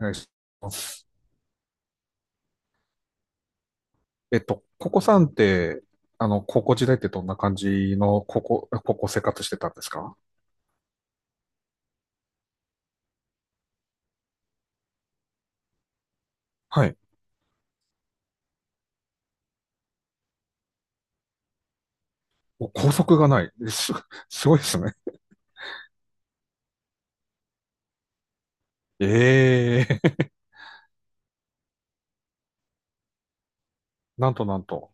お願いします。ココさんって、高校時代ってどんな感じの高校生活してたんですか？はい。お校則がない。えす、すごいですね。ええ なんとなんと。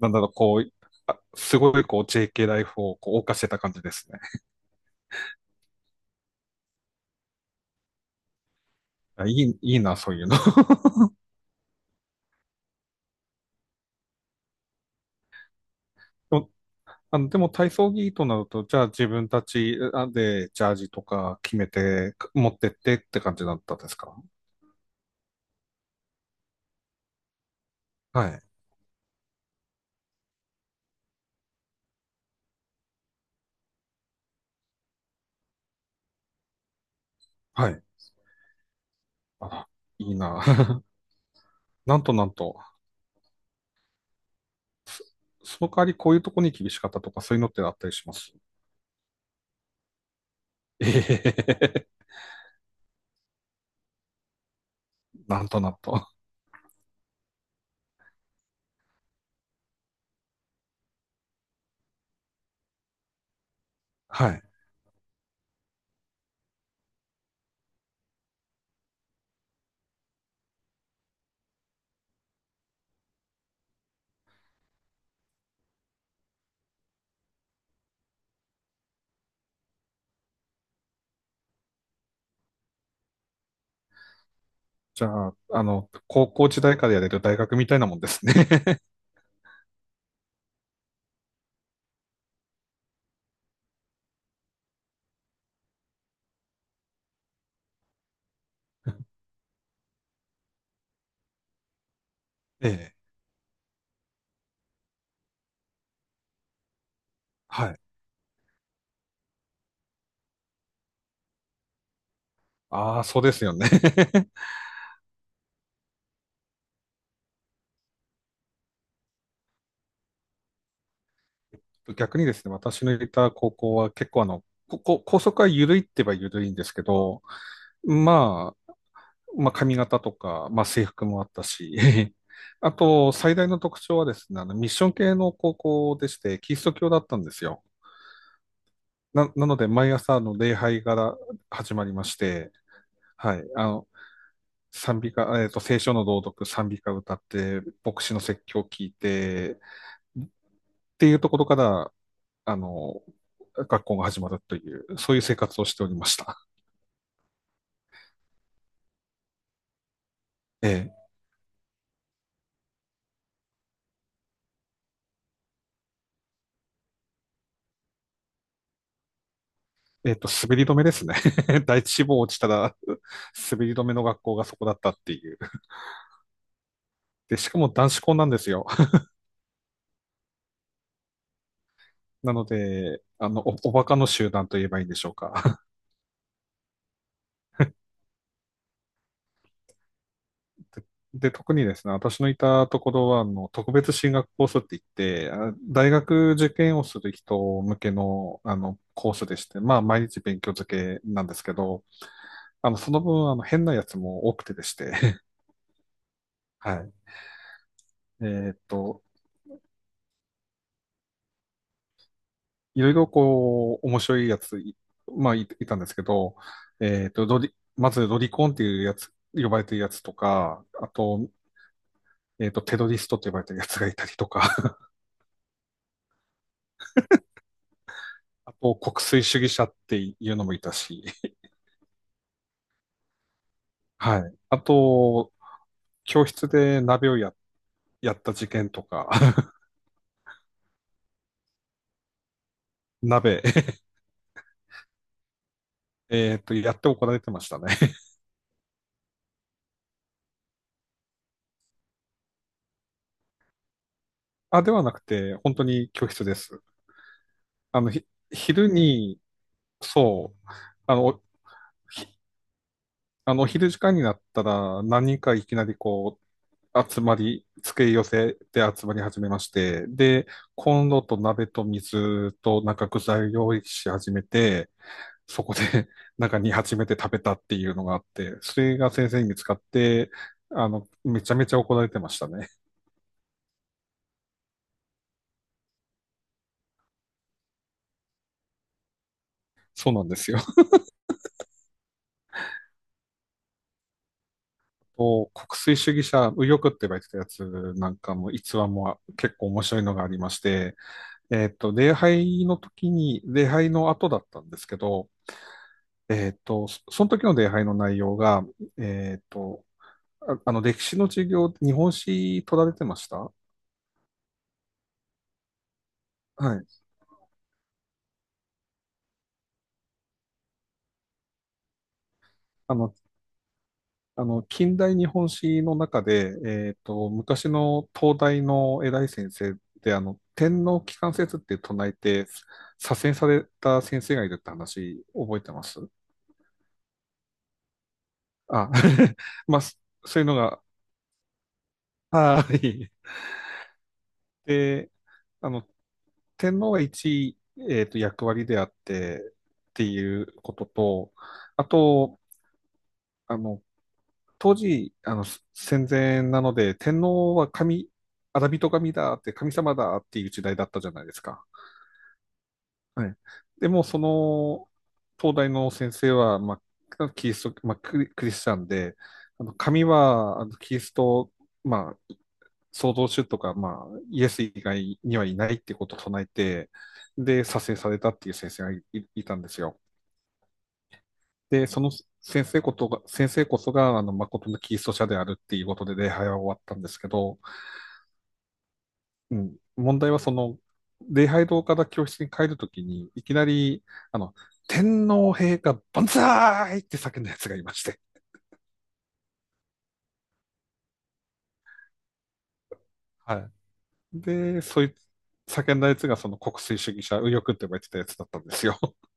なんだろう、こう、あすごいこう JK ライフをこう謳歌してた感じですね。あいい、いいな、そういうの。でもでも体操着となると、じゃあ自分たちあでジャージとか決めて持ってってって感じだったんですか？はい。はい。あら、いいな。なんとなんと、そその代わりこういうとこに厳しかったとかそういうのってあったりします？ええ なんとなんと。はい。じゃあ、高校時代からやれる大学みたいなもんですね。ええはい。ああ、そうですよね。逆にですね、私のいた高校は結構ここ校則は緩いって言えば緩いんですけど、まあ、まあ髪型とか、まあ制服もあったし、あと最大の特徴はですね、あのミッション系の高校でして、キリスト教だったんですよ。なので、毎朝の礼拝から始まりまして、はい、賛美歌、聖書の朗読、賛美歌歌って、牧師の説教を聞いて、っていうところから、あの、学校が始まるという、そういう生活をしておりました。ええ滑り止めですね。第一志望落ちたら、滑り止めの学校がそこだったっていう。で、しかも男子校なんですよ。なので、おバカの集団と言えばいいんでしょうか。で、特にですね、私のいたところは、特別進学コースって言って、あ大学受験をする人向けの、コースでして、まあ、毎日勉強漬けなんですけど、その分、変なやつも多くてでして、はい。えーっと、いろいろこう、面白いやつ、いいたんですけど、まずロリコンっていうやつ、呼ばれてるやつとか、あと、テロリストって呼ばれてるやつがいたりとか、あと、国粋主義者っていうのもいたし、はい。あと、教室で鍋をや、やった事件とか、鍋、やって怒られてましたね。あ、ではなくて、本当に教室です。昼に、そう、あの、おあの、お昼時間になったら、何人かいきなり集まり、付け寄せで集まり始めまして、で、コンロと鍋と水となんか具材を用意し始めて、そこで なんか煮始 めて食べたっていうのがあって、それが先生に見つかって、めちゃめちゃ怒られてましたね。そうなんですよ。と国粋主義者、右翼って言われてたやつなんかも逸話も結構面白いのがありまして、礼拝の時に、礼拝の後だったんですけど、その時の礼拝の内容が、えっと、あの、歴史の授業、日本史取られてました？はい。あの、あの、近代日本史の中で、昔の東大の偉い先生で、天皇機関説って唱えて、左遷された先生がいるって話、覚えてます？あ、まあ、そういうのが、はい。で、あの、天皇が一位、役割であってっていうことと、あと、あの、当時、戦前なので、天皇は神、アラビト神だって、神様だっていう時代だったじゃないですか。はい。でも、その、東大の先生は、まあ、キリスト、まあ、クリ、クリスチャンで、神は、あのキリスト、まあ、創造主とか、まあ、イエス以外にはいないってことを唱えて、で、左遷されたっていう先生がいいたんですよ。で、その先生こそが、誠のキリスト者であるっていうことで礼拝は終わったんですけど、うん、問題はその、礼拝堂から教室に帰るときに、いきなり、あの、天皇陛下万歳って叫んだやつがいまして。はい。で、そういう叫んだやつがその国粋主義者、右翼って呼ばれてたやつだったんですよ。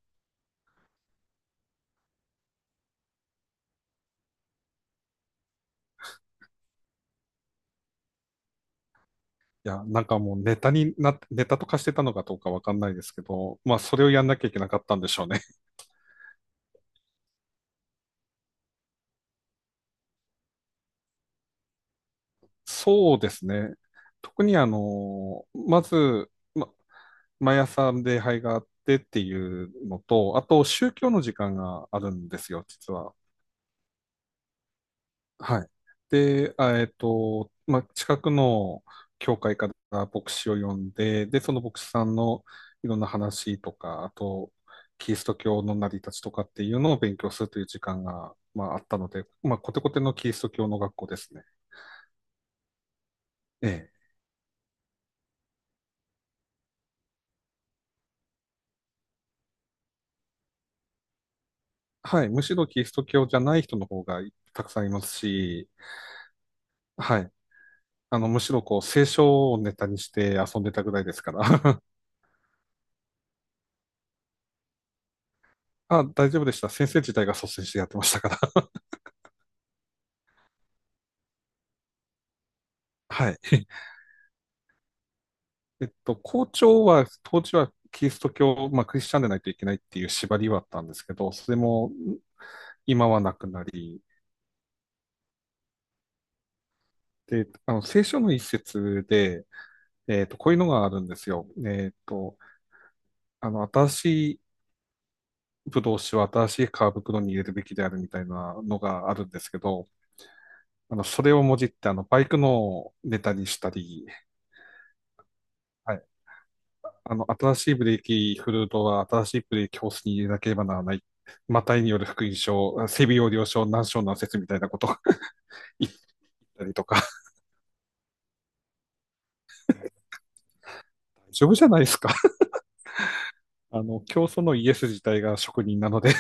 いや、なんかもうネタになって、ネタとかしてたのかどうかわかんないですけど、まあそれをやんなきゃいけなかったんでしょうね。そうですね。特にあの、まず、ま、毎朝礼拝があってっていうのと、あと宗教の時間があるんですよ、実は。はい。で、まあ、近くの教会から牧師を呼んで、で、その牧師さんのいろんな話とか、あと、キリスト教の成り立ちとかっていうのを勉強するという時間が、まあ、あったので、まあ、コテコテのキリスト教の学校ですね。ええはい。むしろキリスト教じゃない人の方がたくさんいますし、はい。むしろこう、聖書をネタにして遊んでたぐらいですから。あ、大丈夫でした。先生自体が率先してやってましたから。はい。校長は、当時はキリスト教、まあ、クリスチャンでないといけないっていう縛りはあったんですけど、それも今はなくなり、で、聖書の一節で、こういうのがあるんですよ。新しブドウ酒は新しい革袋に入れるべきであるみたいなのがあるんですけど、それをもじって、バイクのネタにしたり、はい。新しいブレーキフルートは新しいブレーキホースに入れなければならない。マタイによる福音症、整備要領書、難症難説みたいなことを 言ったりとか、大丈夫じゃないですか。教祖のイエス自体が職人なので、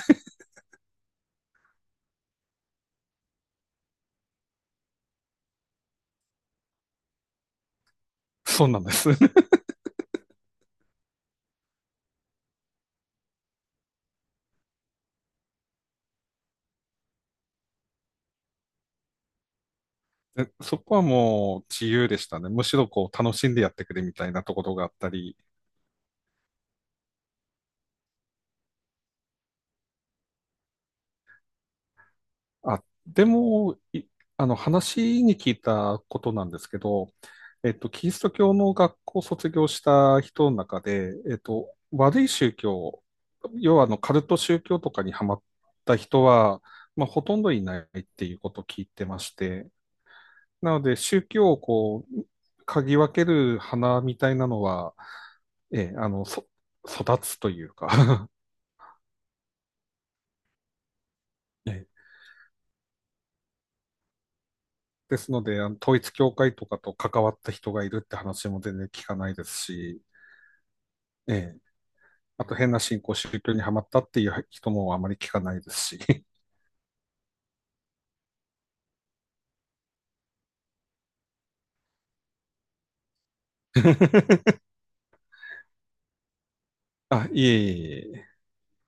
そうなんです。でそこはもう自由でしたね。むしろこう楽しんでやってくれみたいなところがあったり、あ、でも、い話に聞いたことなんですけど、キリスト教の学校を卒業した人の中で、悪い宗教、要はカルト宗教とかにハマった人は、まあ、ほとんどいないっていうことを聞いてまして、なので、宗教をこう、嗅ぎ分ける花みたいなのは、ええ、育つというか ええですので、あの統一教会とかと関わった人がいるって話も全然聞かないですし、ええ、あと変な信仰宗教にはまったっていう人もあまり聞かないですし。あ、いえいえいえ。